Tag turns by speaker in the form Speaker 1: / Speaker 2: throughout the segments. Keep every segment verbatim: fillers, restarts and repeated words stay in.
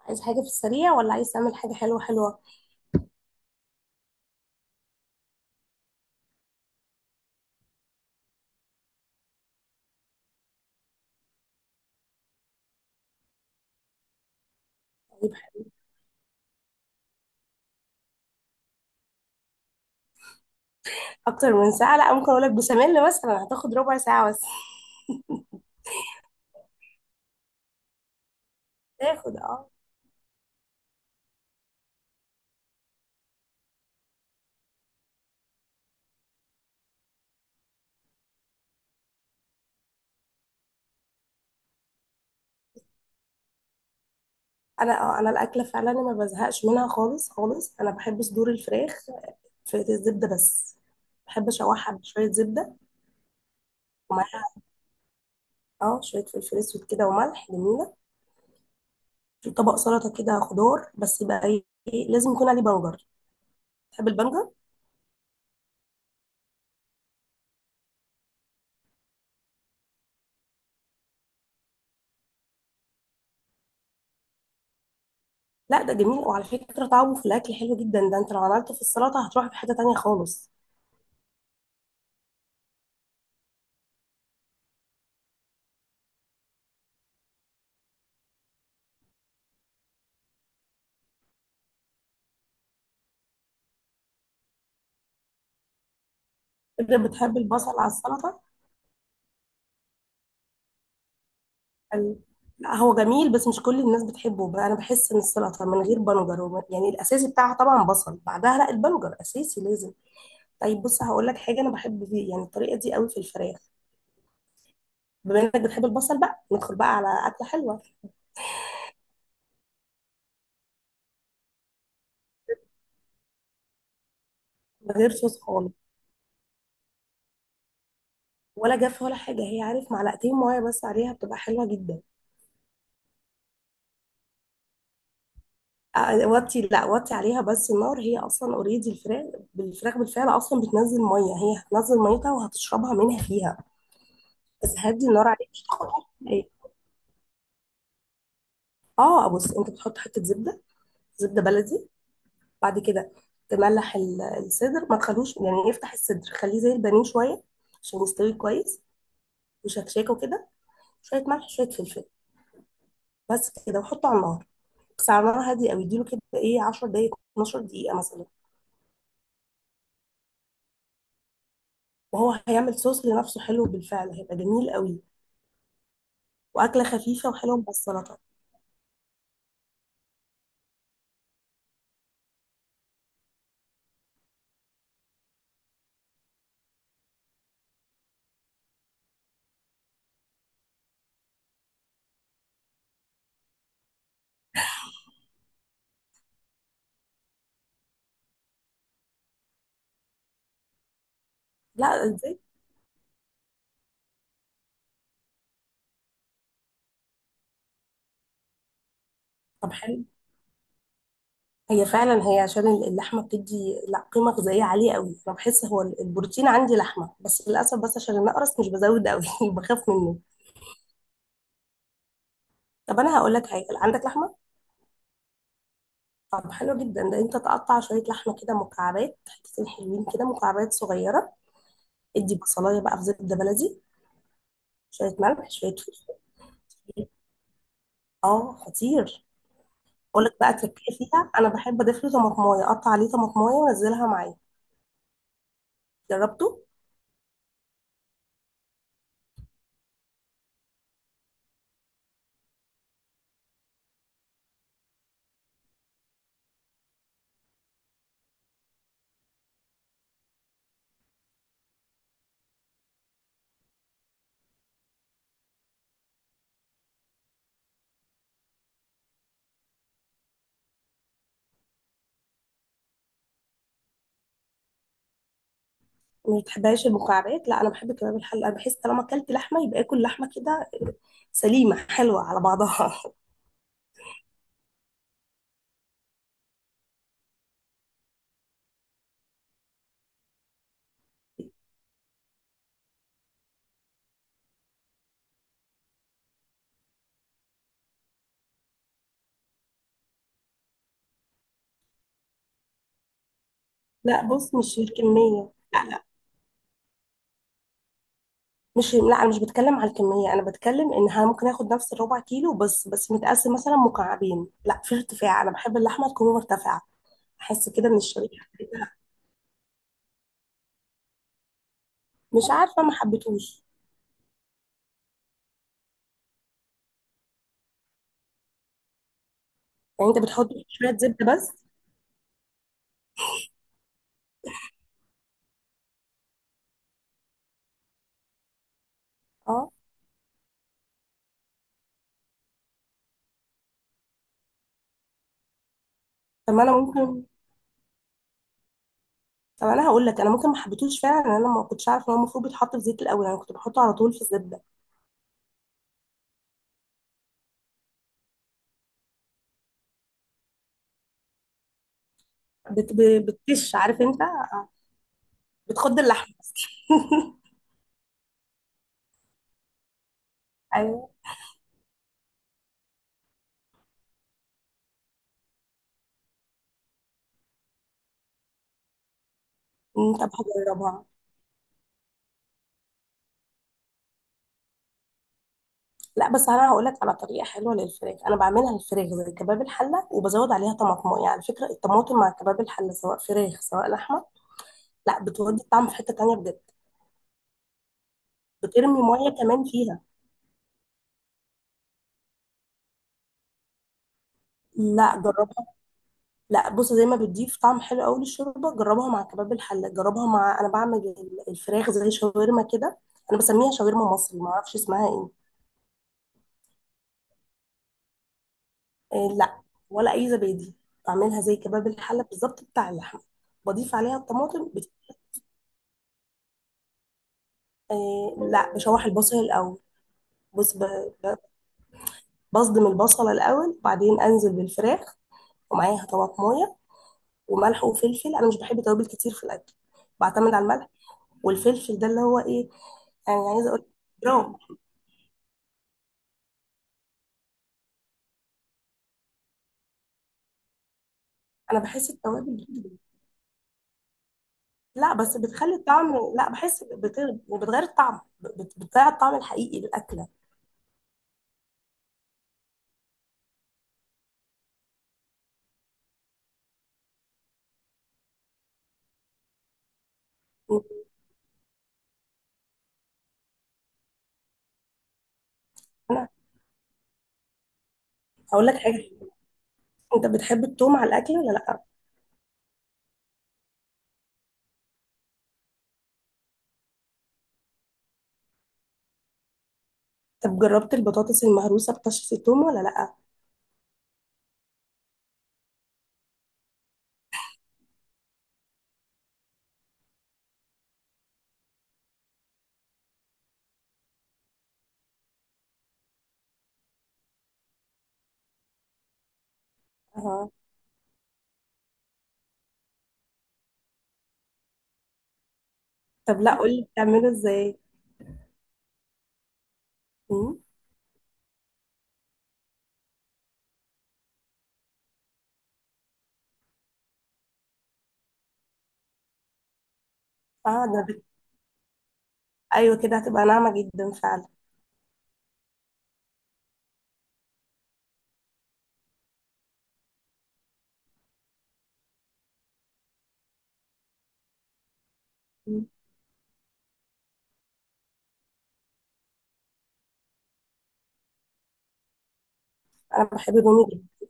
Speaker 1: عايز حاجة في السريع ولا عايز تعمل حاجة حلوة حلوة؟ طيب، أكتر من ساعة، لا. ممكن أقول لك بشاميل مثلا، هتاخد ربع ساعة بس. تاخد اه. أنا اه أنا الأكلة فعلا ما بزهقش منها خالص خالص. أنا بحب صدور الفراخ في الزبدة بس، بحب أشوحها بشوية زبدة، ومعاها اه شوية فلفل أسود كده وملح، جميلة. في طبق سلطة كده خضار بس، يبقى إيه إيه، لازم يكون عليه بنجر. تحب البنجر؟ لا ده جميل، وعلى فكرة طعمه في الأكل حلو جدا، ده أنت لو عملته في السلطة هتروح في حتة تانية خالص. انت بتحب البصل على السلطه؟ ال- لا هو جميل بس مش كل الناس بتحبه بقى، انا بحس ان السلطه من غير بنجر ومن- يعني الاساسي بتاعها طبعا بصل، بعدها لا، البنجر اساسي لازم. طيب بص هقول لك حاجه انا بحب فيه، يعني الطريقه دي قوي في الفراخ. بما انك بتحب البصل بقى، ندخل بقى على اكله حلوه. من غير صوص خالص، ولا جاف ولا حاجه هي، عارف؟ معلقتين ميه بس عليها، بتبقى حلوه جدا. أ- وطي لا وطي عليها بس النار، هي اصلا اوريدي الفراخ، بالفراخ بالفعل اصلا بتنزل ميه، هي هتنزل ميتها وهتشربها منها فيها. بس هدي النار، عليك مش هتاخدها. ايه، اه. بص انت بتحط حته زبده، زبده بلدي. بعد كده تملح ال- الصدر، ما تخلوش، يعني افتح الصدر خليه زي البانيه شويه عشان يستوي كويس، وشكشاكه وكده. شويه ملح شويه فلفل، بس كده، وحطه على النار. بس على نار هاديه قوي، اديله كده ايه عشر دقائق اثنا عشر دقيقه مثلا. وهو هيعمل صوص لنفسه حلو بالفعل، هيبقى جميل قوي، واكله خفيفه وحلوه مع السلطه. لا ازاي. طب حلو. هي فعلا هي عشان اللحمه بتدي لا قيمه غذائيه عاليه قوي، انا بحس هو البروتين عندي لحمه بس، للاسف. بس عشان انا اقرص مش بزود قوي بخاف منه. طب انا هقول لك حاجه، عندك لحمه؟ طب حلو جدا، ده انت تقطع شويه لحمه كده مكعبات، حتتين حلوين كده مكعبات صغيره. ادي بصلايه بقى في زبده بلدي، شويه ملح شويه فلفل. اه خطير. اقول لك بقى تركيه فيها، انا بحب اضيف له طماطمايه، اقطع عليه طماطمايه وانزلها معايا. جربته؟ ما بتحبهاش المكعبات؟ لا انا بحب كباب الحله، انا بحس طالما اكلت لحمه يبقى اكل لحمه كده سليمه حلوه على بعضها. لا بص، مش الكميه، لا لا، مش، لا انا مش بتكلم على الكميه، انا بتكلم انها ممكن اخد نفس الربع كيلو بس بس متقسم مثلا مكعبين، لا في ارتفاع، انا بحب اللحمه تكون مرتفعه، احس كده من الشريحه بتاعتها. مش عارفه ما حبيتهوش. يعني انت بتحط شويه زبده بس؟ اه. طب ما انا ممكن، طب انا هقول لك، انا ممكن ما حبيتهوش فعلا، انا ما كنتش عارفه ان هو المفروض بيتحط في زيت الاول، انا كنت بحطه على طول في الزبده. بت... ب- بتكش، عارف انت؟ آه، بتخض اللحمه. ايوه. أمم، طب هجربها. لا بس انا هقول لك على طريقه حلوه للفراخ، انا بعملها الفراخ زي كباب الحله وبزود عليها طماطم، يعني على فكره الطماطم مع كباب الحله، سواء فراخ سواء لحمه، لا بتودي الطعم في حته تانية بجد. بترمي ميه كمان فيها؟ لا جربها. لا بص زي ما بتضيف طعم حلو قوي للشوربه، جربها مع كباب الحله، جربها مع، انا بعمل الفراخ زي شاورما كده، انا بسميها شاورما مصري، ما اعرفش اسمها ايه. آه لا، ولا اي زبادي، بعملها زي كباب الحله بالظبط بتاع اللحمه. بضيف عليها الطماطم بت... آه لا، بشوح البصل الاول. بص ب... ب- بصدم البصله الاول، وبعدين انزل بالفراخ ومعاها طماطمايه وملح وفلفل. انا مش بحب توابل كتير في الاكل، بعتمد على الملح والفلفل. ده اللي هو ايه، يعني عايزه اقول برام. انا بحس التوابل، لا بس بتخلي الطعم، لا بحس بت... وبتغير الطعم، بت... بتضيع الطعم الحقيقي للاكله. انا هقول لك حاجه، انت بتحب التوم على الاكل ولا لا؟ طب جربت البطاطس المهروسه بطشة التوم ولا لا؟ اه. طب لا قولي بتعمله ازاي. مم. اه ده بت... ايوه كده هتبقى ناعمه جدا فعلا. مم. انا بحب الرومي جدا.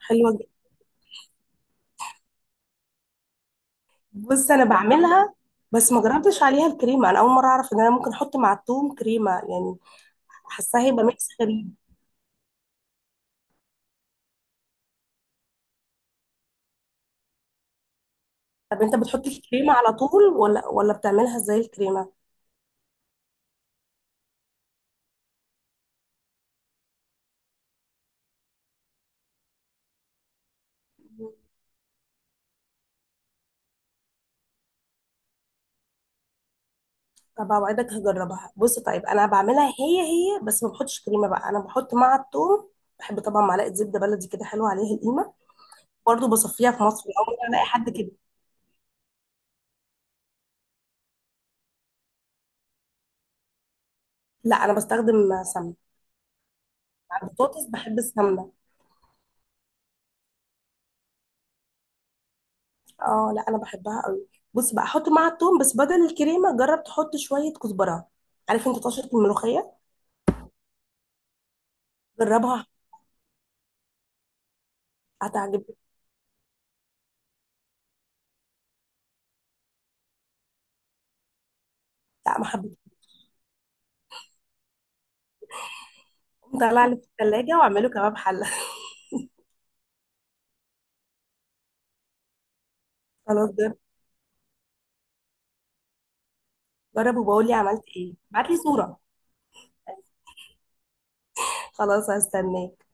Speaker 1: حلوه جدا، بص انا بعملها، بس ما جربتش عليها الكريمه، انا اول مره اعرف ان انا ممكن احط مع التوم كريمه يعني، حاساها هيبقى ميكس غريب. طب انت بتحط الكريمه على طول ولا ولا بتعملها ازاي الكريمه؟ طب اوعدك هجربها. بص طيب انا بعملها هي هي، بس ما بحطش كريمه بقى، انا بحط مع الثوم، بحب طبعا معلقه زبده بلدي كده حلوه عليها، القيمه برضو، بصفيها في مصر، اول ما الاقي حد كده. لا انا بستخدم سمنه مع البطاطس، بحب السمنه. اه لا انا بحبها قوي. بص بقى، احط مع الثوم، بس بدل الكريمه، جرب تحط شويه كزبره، عارف انت طشه الملوخيه؟ جربها هتعجبك. لا ما حبيتهاش. قوم طلع لي في الثلاجه واعمله كباب حله. خلاص، جرب، جرب وبقول لي عملت ايه، ابعت لي صوره. خلاص هستناك.